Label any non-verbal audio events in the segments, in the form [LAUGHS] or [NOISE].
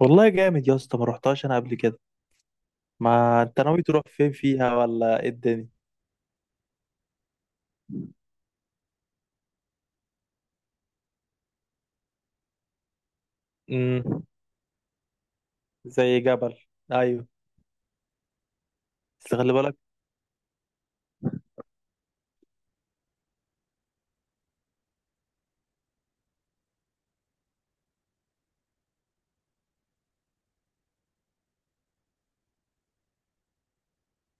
والله جامد يا اسطى ما رحتهاش انا قبل كده. ما انت ناوي تروح فين فيها ولا ايه الدنيا؟ امم، زي جبل. ايوه. بس خلي بالك.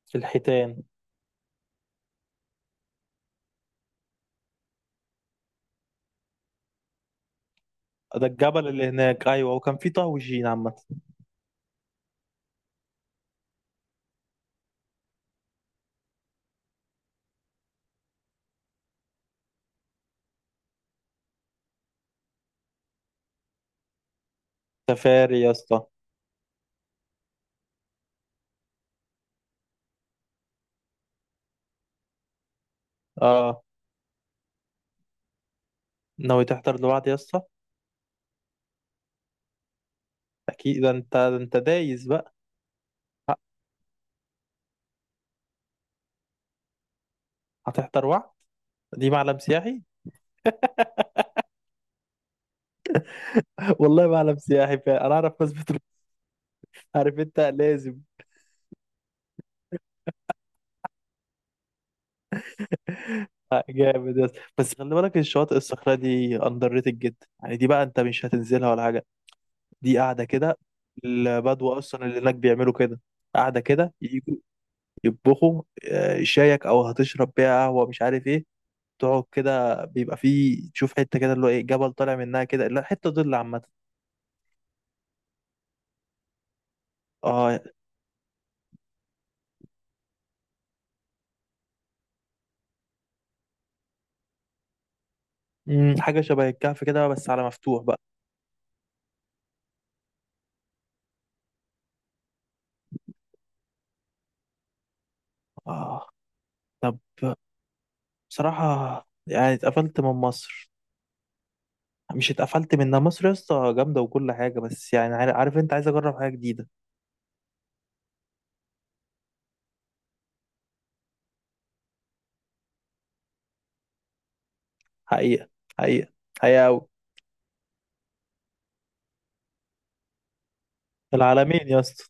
في الحيتان. ده الجبل اللي هناك، ايوه، وكان في طاوجين عامه. سفاري يا اسطى. اه. ناوي تحضر لوحد يا اسطى؟ اكيد، ده انت ده انت دايس بقى. ه- هتحضر وعد. دي معلم سياحي. [LAUGHS] والله معلم سياحي فعلا، انا اعرف ناس بتروح. [LAUGHS] عارف انت لازم. جامد يا اسطى، بس خلي بالك الشواطئ الصخرة دي اندر ريتد جدا، يعني دي بقى انت مش هتنزلها ولا حاجه، دي قاعدة كده. البدو أصلا اللي هناك بيعملوا كده، قاعدة كده، يجوا يطبخوا. شايك أو هتشرب بيها قهوة مش عارف إيه. تقعد كده، بيبقى فيه تشوف حتة كده اللي هو إيه، جبل طالع منها كده، لا حتة ظل عامة. آه. حاجة شبه الكهف كده بس على مفتوح بقى. آه. طب بصراحة يعني اتقفلت من مصر. مش اتقفلت منها، مصر يا اسطى جامدة وكل حاجة، بس يعني عارف، عارف أنت، عايز أجرب حاجة جديدة. حقيقة. حقيقة. حقيقة أوي. العالمين يا اسطى.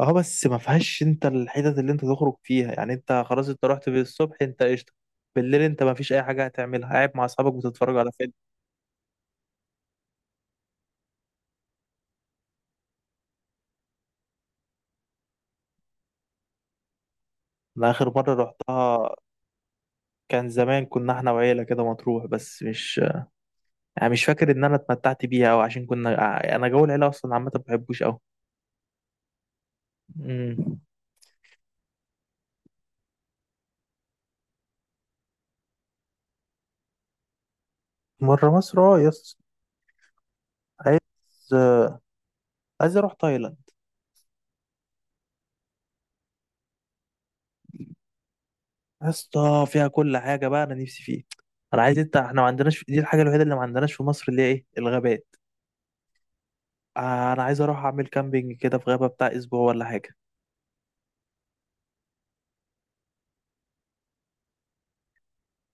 اه بس ما فيهاش انت الحتت اللي انت تخرج فيها، يعني انت خلاص انت رحت بالصبح انت قشطه. بالليل انت ما فيش اي حاجه هتعملها، قاعد مع اصحابك بتتفرج على فيلم. انا اخر مره رحتها كان زمان، كنا احنا وعيله كده مطروح، بس مش، يعني مش فاكر ان انا اتمتعت بيها، او عشان كنا، انا جو العيله اصلا عامه ما بحبوش قوي. امم. مره، مصر، اه يس. عايز عايز اروح تايلاند. يا اسطى فيها كل حاجه بقى، انا نفسي فيه. انا عايز، انت احنا ما عندناش، دي الحاجه الوحيده اللي ما عندناش في مصر، اللي هي ايه، الغابات. انا عايز اروح اعمل كامبينج كده في غابة بتاع اسبوع ولا حاجة.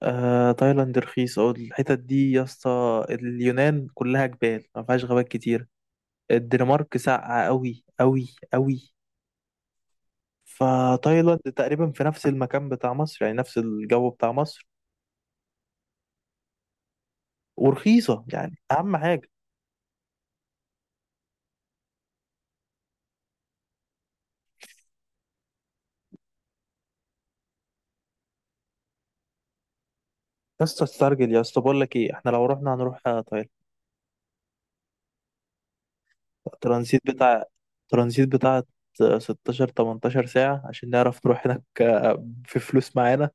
تايلاند رخيص او الحتت دي يا اسطى، اليونان كلها جبال ما فيهاش غابات كتير. الدنمارك ساقعة قوي قوي قوي. فتايلاند تقريبا في نفس المكان بتاع مصر، يعني نفس الجو بتاع مصر. ورخيصة يعني، اهم حاجة. يا اسطى استرجل يا اسطى، بقول لك ايه، احنا لو رحنا هنروح تايلاند. ترانزيت بتاع ترانزيت بتاع 16 18 ساعة عشان نعرف نروح هناك، في فلوس معانا.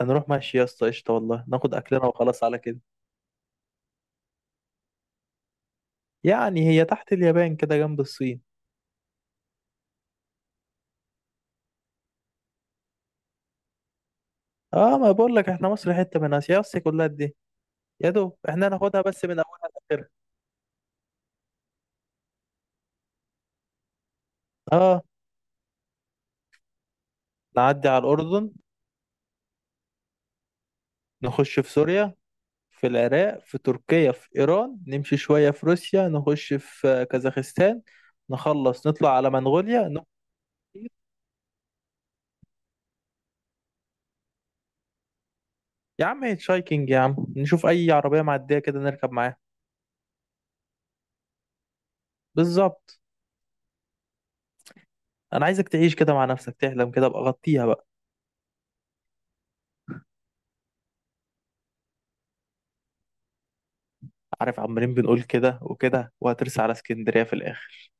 هنروح ماشي يا اسطى قشطة والله، ناخد أكلنا وخلاص على كده. يعني هي تحت اليابان كده جنب الصين. اه ما بقول لك احنا مصر حتة من آسيا، آسيا كلها دي يا دوب احنا ناخدها بس من أولها لآخرها. اه نعدي على الأردن، نخش في سوريا، في العراق، في تركيا، في إيران، نمشي شوية في روسيا، نخش في كازاخستان، نخلص نطلع على منغوليا نروح. يا عم هيتشايكنج يا عم، نشوف أي عربية معدية كده نركب معاها. بالظبط. أنا عايزك تعيش كده مع نفسك، تحلم كده، أبقى غطيها بقى. عارف عمالين بنقول كده وكده وهترسى على اسكندرية في الآخر.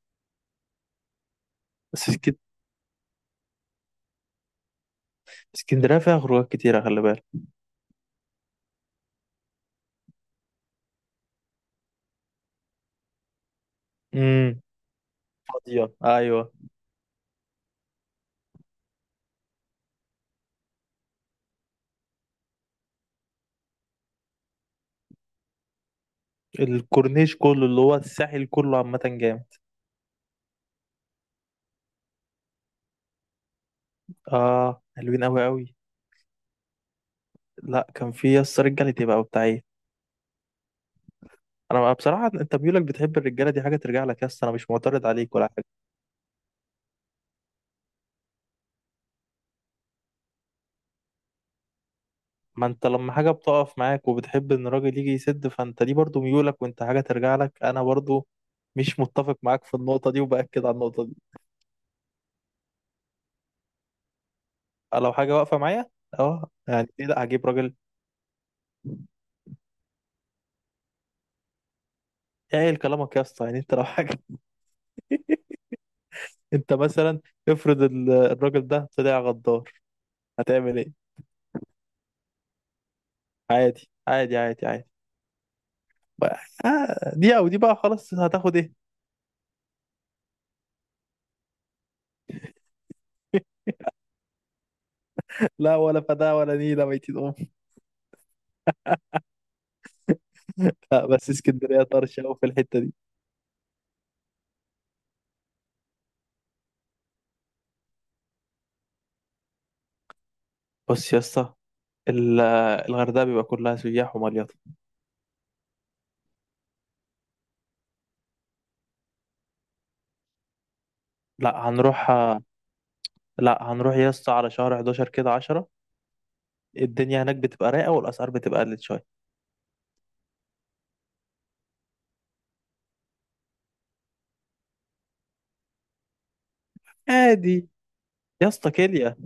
بس اسكندرية فيها خروجات كتيرة خلي بالك. امم. فاضية أيوة. الكورنيش كله اللي هو الساحل كله عامة جامد. آه حلوين أوي أوي. لا كان في، يس رجالة تبقى بتاع إيه. أنا بقى بصراحة أنت ميولك بتحب الرجالة، دي حاجة ترجع لك، يس أنا مش معترض عليك ولا حاجة. ما أنت لما حاجة بتقف معاك وبتحب إن الراجل يجي يسد، فأنت دي برضو ميولك وأنت حاجة ترجع لك، أنا برضو مش متفق معاك في النقطة دي وبأكد على النقطة دي. لو حاجه واقفه معايا اه يعني ليه لا، هجيب راجل. ايه كلامك يا اسطى؟ يعني انت لو حاجه، [LAUGHS] انت مثلا افرض الراجل ده طلع غدار هتعمل ايه؟ عادي عادي عادي عادي. بقى دي او دي بقى خلاص، هتاخد ايه؟ [LAUGHS] لا ولا فدا ولا نيله ميتين ام. [LAUGHS] لا بس اسكندريه طرشه قوي في الحته دي. بص يا اسطى، ال- الغردقه بيبقى كلها سياح ومليطه. لا هنروح لا هنروح يا اسطى على شهر 11 كده، 10 الدنيا هناك بتبقى رايقه والاسعار بتبقى قلت شويه. عادي. يا اسطى كيليا،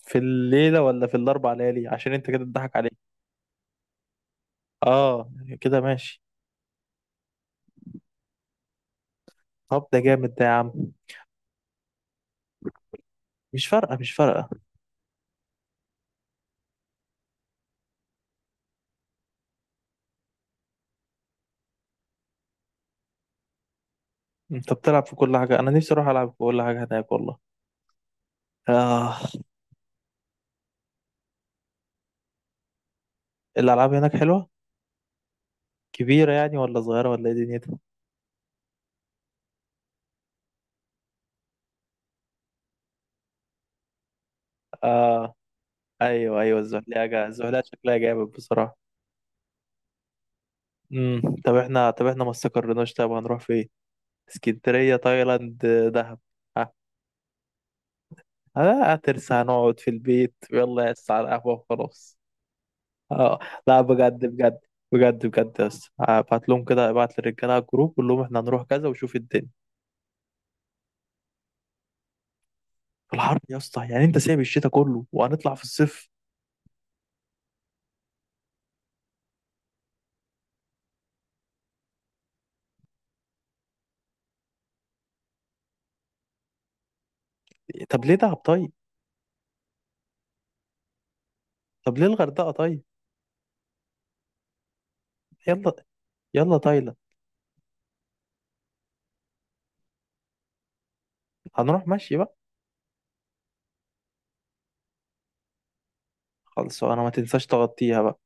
في الليلة ولا في الأربع ليالي؟ عشان أنت كده تضحك عليك. آه يعني كده ماشي. طب ده جامد ده يا عم. مش فارقة مش فارقة. أنت بتلعب في كل حاجة، أنا نفسي أروح ألعب في كل حاجة هناك والله. آه الألعاب هناك حلوة، كبيرة يعني ولا صغيرة ولا إيه دنيتها؟ آه أيوه أيوه الزحلية، جا الزحلية شكلها جامد بصراحة. امم، طب احنا، طب احنا ما استقرناش، طب هنروح فين؟ اسكندرية، تايلاند، دهب، ها؟ آه. هترسى هنقعد في البيت، يلا يا على القهوة وخلاص. اه. لا بجد بجد، بجد بجد يا اسطى ابعت لهم كده، ابعت للرجاله على الجروب قول لهم احنا هنروح كذا وشوف الدنيا. في الحر يا اسطى؟ يعني انت سايب الشتاء كله وهنطلع في الصيف. طب ليه دهب طيب؟ طب ليه الغردقه طيب؟ يلا. يلا تايلاند. هنروح ماشي بقى. خلص، انا ما تنساش تغطيها بقى.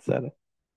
سلام.